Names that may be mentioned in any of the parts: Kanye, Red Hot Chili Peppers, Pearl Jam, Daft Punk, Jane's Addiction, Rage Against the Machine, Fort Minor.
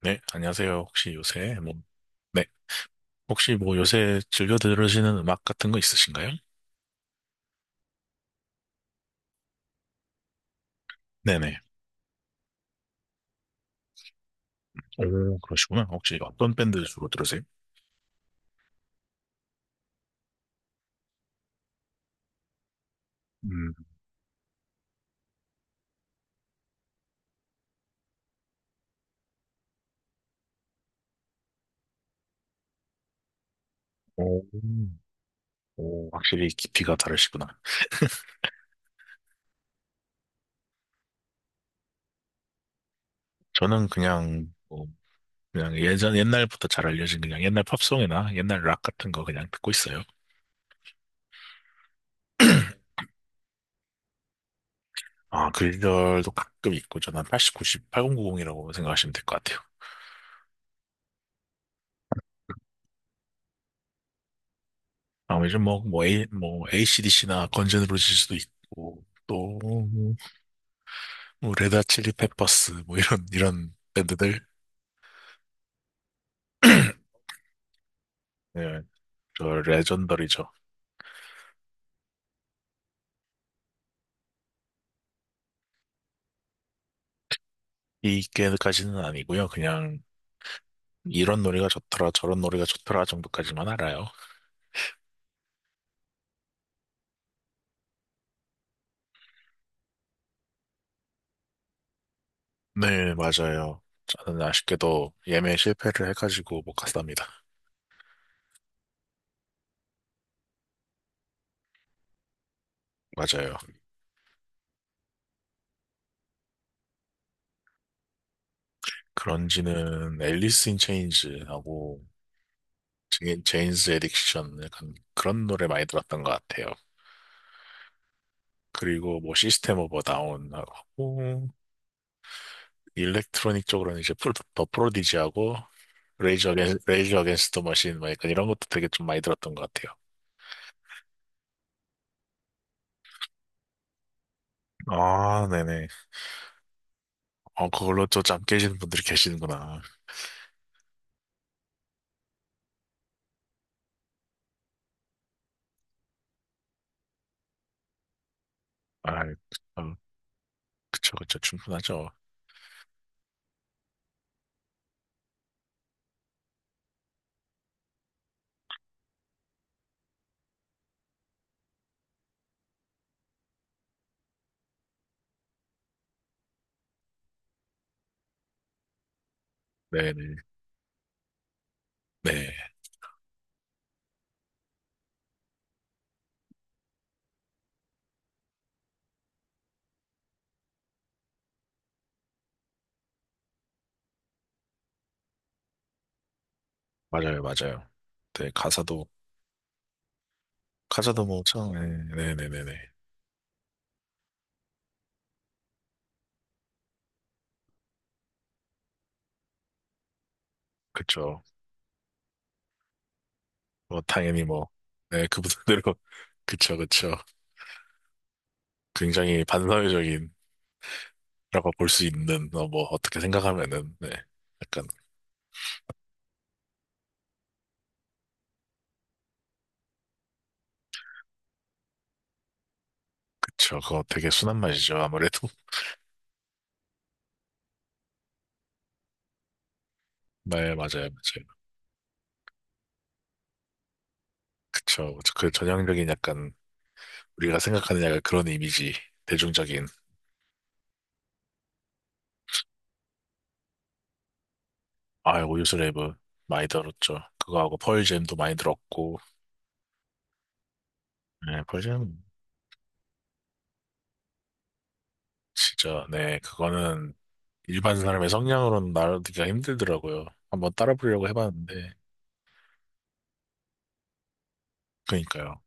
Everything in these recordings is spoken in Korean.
네, 안녕하세요. 혹시 요새 뭐, 네, 혹시 뭐 요새 즐겨 들으시는 음악 같은 거 있으신가요? 네네. 오, 그러시구나. 혹시 어떤 밴드 주로 들으세요? 음. 오, 오, 확실히 깊이가 다르시구나. 저는 그냥, 뭐, 그냥 옛날부터 잘 알려진 그냥 옛날 팝송이나 옛날 락 같은 거 그냥 듣고 있어요. 아, 그 시절도 가끔 있고, 저는 80, 90, 8090이라고 생각하시면 될 것 같아요. 아, 요즘 ACDC나 건전으로 질 수도 있고, 또, 뭐 레드 칠리 페퍼스 뭐 이런 밴드들. 네, 저 레전더리죠. 이게까지는 아니고요. 그냥 이런 노래가 좋더라 저런 노래가 좋더라 정도까지만 알아요. 네, 맞아요. 저는 아쉽게도 예매 실패를 해가지고 못 갔답니다. 맞아요. 그런지는 앨리스 인 체인지하고 제인스 에딕션 약간 그런 노래 많이 들었던 것 같아요. 그리고 뭐 시스템 오브 다운하고 일렉트로닉 쪽으로는 이제 더 프로디지하고 레이저 어겐스트 머신, 막 약간 이런 것도 되게 좀 많이 들었던 것 같아요. 아, 네네. 어, 그걸로 또 잠 깨시는 분들이 계시는구나. 아, 그- 그쵸, 그쵸. 충분하죠. 네네. 네. 맞아요, 맞아요. 네, 가사도, 가사도 뭐, 참, 네, 네네네네. 그쵸. 뭐, 당연히 뭐, 네, 그분들대로, 그쵸, 그쵸. 굉장히 반사회적인라고 볼 수 있는, 뭐, 어떻게 생각하면은, 네. 약간, 그쵸. 그거 되게 순한 맛이죠. 아무래도. 네, 맞아요, 맞아요. 그쵸. 그 전형적인 약간 우리가 생각하는 약간 그런 이미지. 대중적인. 아, 오유스 랩은 많이 들었죠. 그거하고 펄잼도 많이 들었고. 네, 펄잼. 진짜 네, 그거는 일반 사람의 성량으로는 나르기가 힘들더라고요. 한번 따라 부르려고 해봤는데. 그니까요.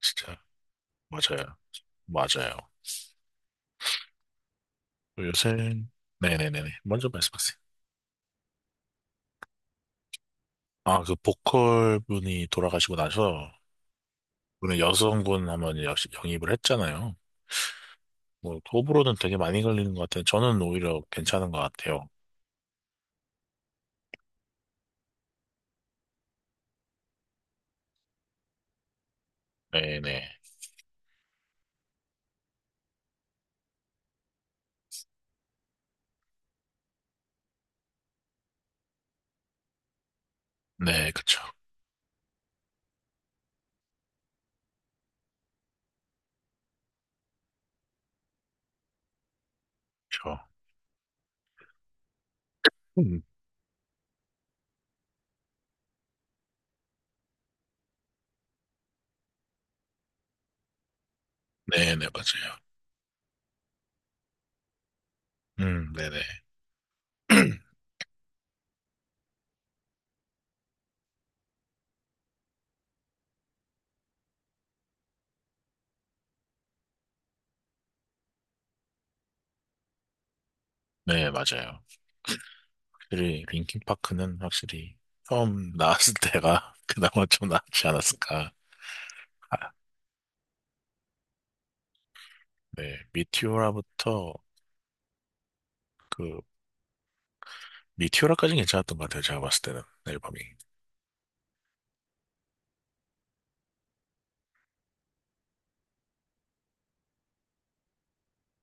진짜 맞아요. 맞아요. 요새 네네네네. 먼저 말씀하세요. 아, 그 보컬 분이 돌아가시고 나서 오늘 여성분 한번 영입을 했잖아요. 뭐, 호불호는 되게 많이 걸리는 것 같아요. 저는 오히려 괜찮은 것 같아요. 네네. 네, 그쵸. 그쵸. 음. 네네, 맞아요. 네네. 네, 맞아요. 확실히, 링킨파크는 확실히 처음 나왔을 때가 그나마 좀 낫지 않았을까. 아, 네, 미티오라부터. 그, 미티오라까지는 괜찮았던 것 같아요. 제가 봤을 때는, 앨범이.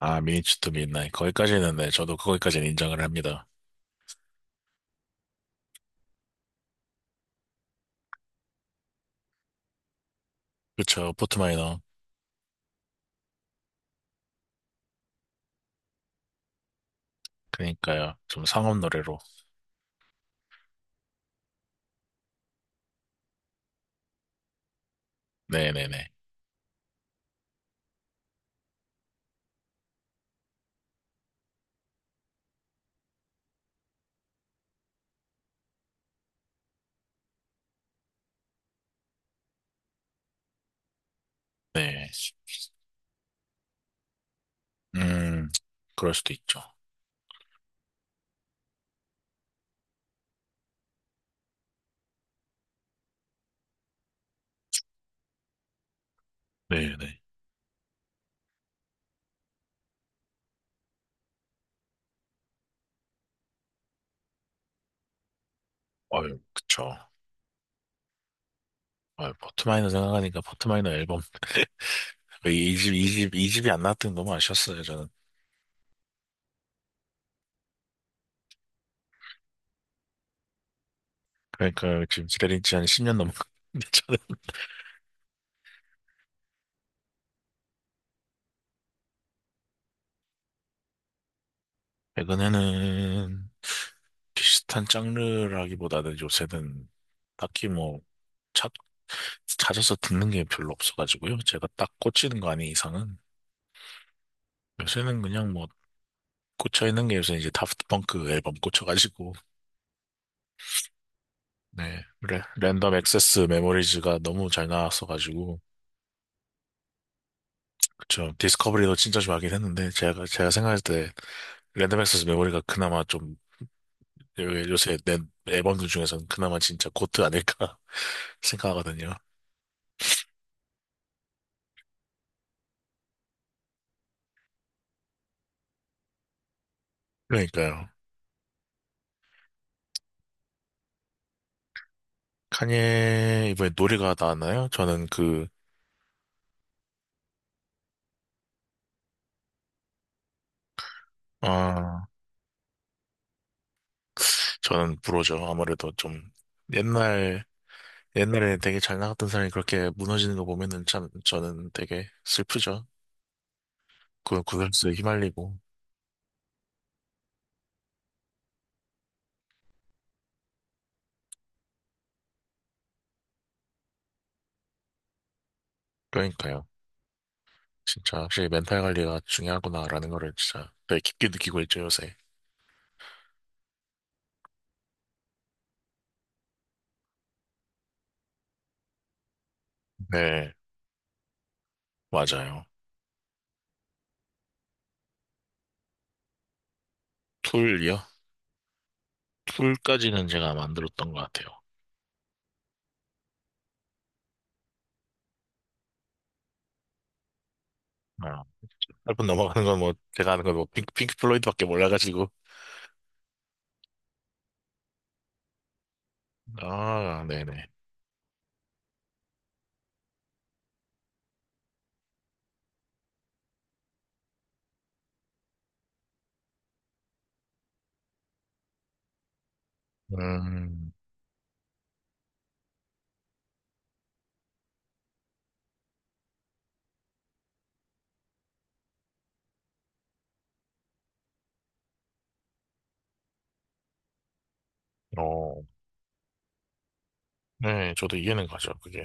아, 미니츠 투미 i 나 n 거기까지는, 네, 저도 거기까지는 인정을 합니다. 그쵸, 포트마이너. 그니까요. 좀 상업 노래로. 네네네. 네. 음, 그럴 수도 있죠. 네네. 아유, 그쵸. 아유, 포트마이너 생각하니까 포트마이너 앨범. 이 집이 안 나왔더니 너무 아쉬웠어요, 저는. 그러니까 지금 기다린 지한 10년 넘었는데, 저는. 에는 비슷한 장르라기보다는 요새는 딱히 뭐, 찾, 찾아서 듣는 게 별로 없어가지고요. 제가 딱 꽂히는 거 아닌 이상은. 요새는 그냥 뭐, 꽂혀있는 게 요새 이제 다프트 펑크 앨범 꽂혀가지고, 네. 랜덤 액세스 메모리즈가 너무 잘 나왔어가지고. 그쵸. 디스커버리도 진짜 좋아하긴 했는데, 제가 생각할 때 랜덤 액세스 메모리가 그나마 좀, 요새 낸 앨범들 중에서는 그나마 진짜 고트 아닐까 생각하거든요. 그러니까요. 카니에 이번에 노래가 나왔나요? 저는 그, 아, 저는 불호죠. 아무래도 좀 옛날, 옛날에 되게 잘 나갔던 사람이 그렇게 무너지는 거 보면은 참 저는 되게 슬프죠. 그, 가수에 휘말리고. 그러니까요. 진짜 확실히 멘탈 관리가 중요하구나라는 거를 진짜 되게 깊게 느끼고 있죠, 요새. 네, 맞아요. 툴이요? 툴까지는 제가 안 만들었던 것 같아요. 아, 짧분 넘어가는 건 뭐, 제가 아는 건뭐 핑크 플로이드밖에 몰라가지고. 아, 네네. 음, 어, 네, 저도 이해는 가죠, 그게.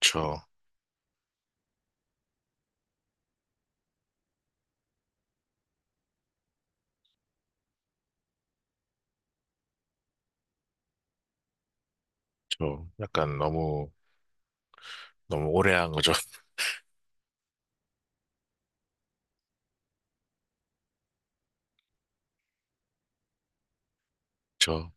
저, 약간 너무, 너무 오래 한 거죠. 저,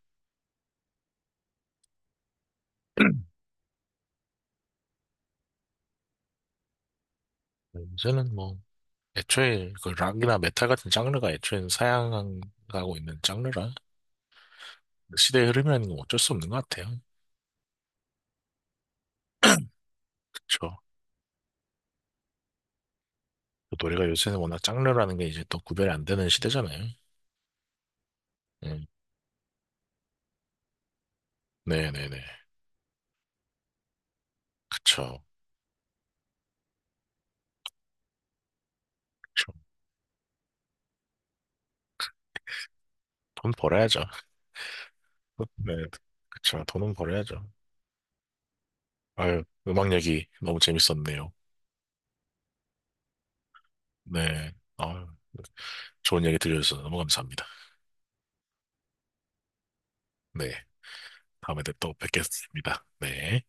요새는 뭐, 애초에 그 락이나 메탈 같은 장르가 애초에 사양하고 있는 장르라. 시대의 흐름이라는 건 어쩔 수 없는 것 같아요. 그렇죠. 노래가 요새는 워낙 장르라는 게 이제 또 구별이 안 되는 시대잖아요. 음, 네네네. 그쵸. 그쵸. 돈 벌어야죠. 네. 그쵸. 돈은 벌어야죠. 아유, 음악 얘기 너무 재밌었네요. 네. 아유, 좋은 얘기 들려주셔서 너무 감사합니다. 네. 다음에 또 뵙겠습니다. 네.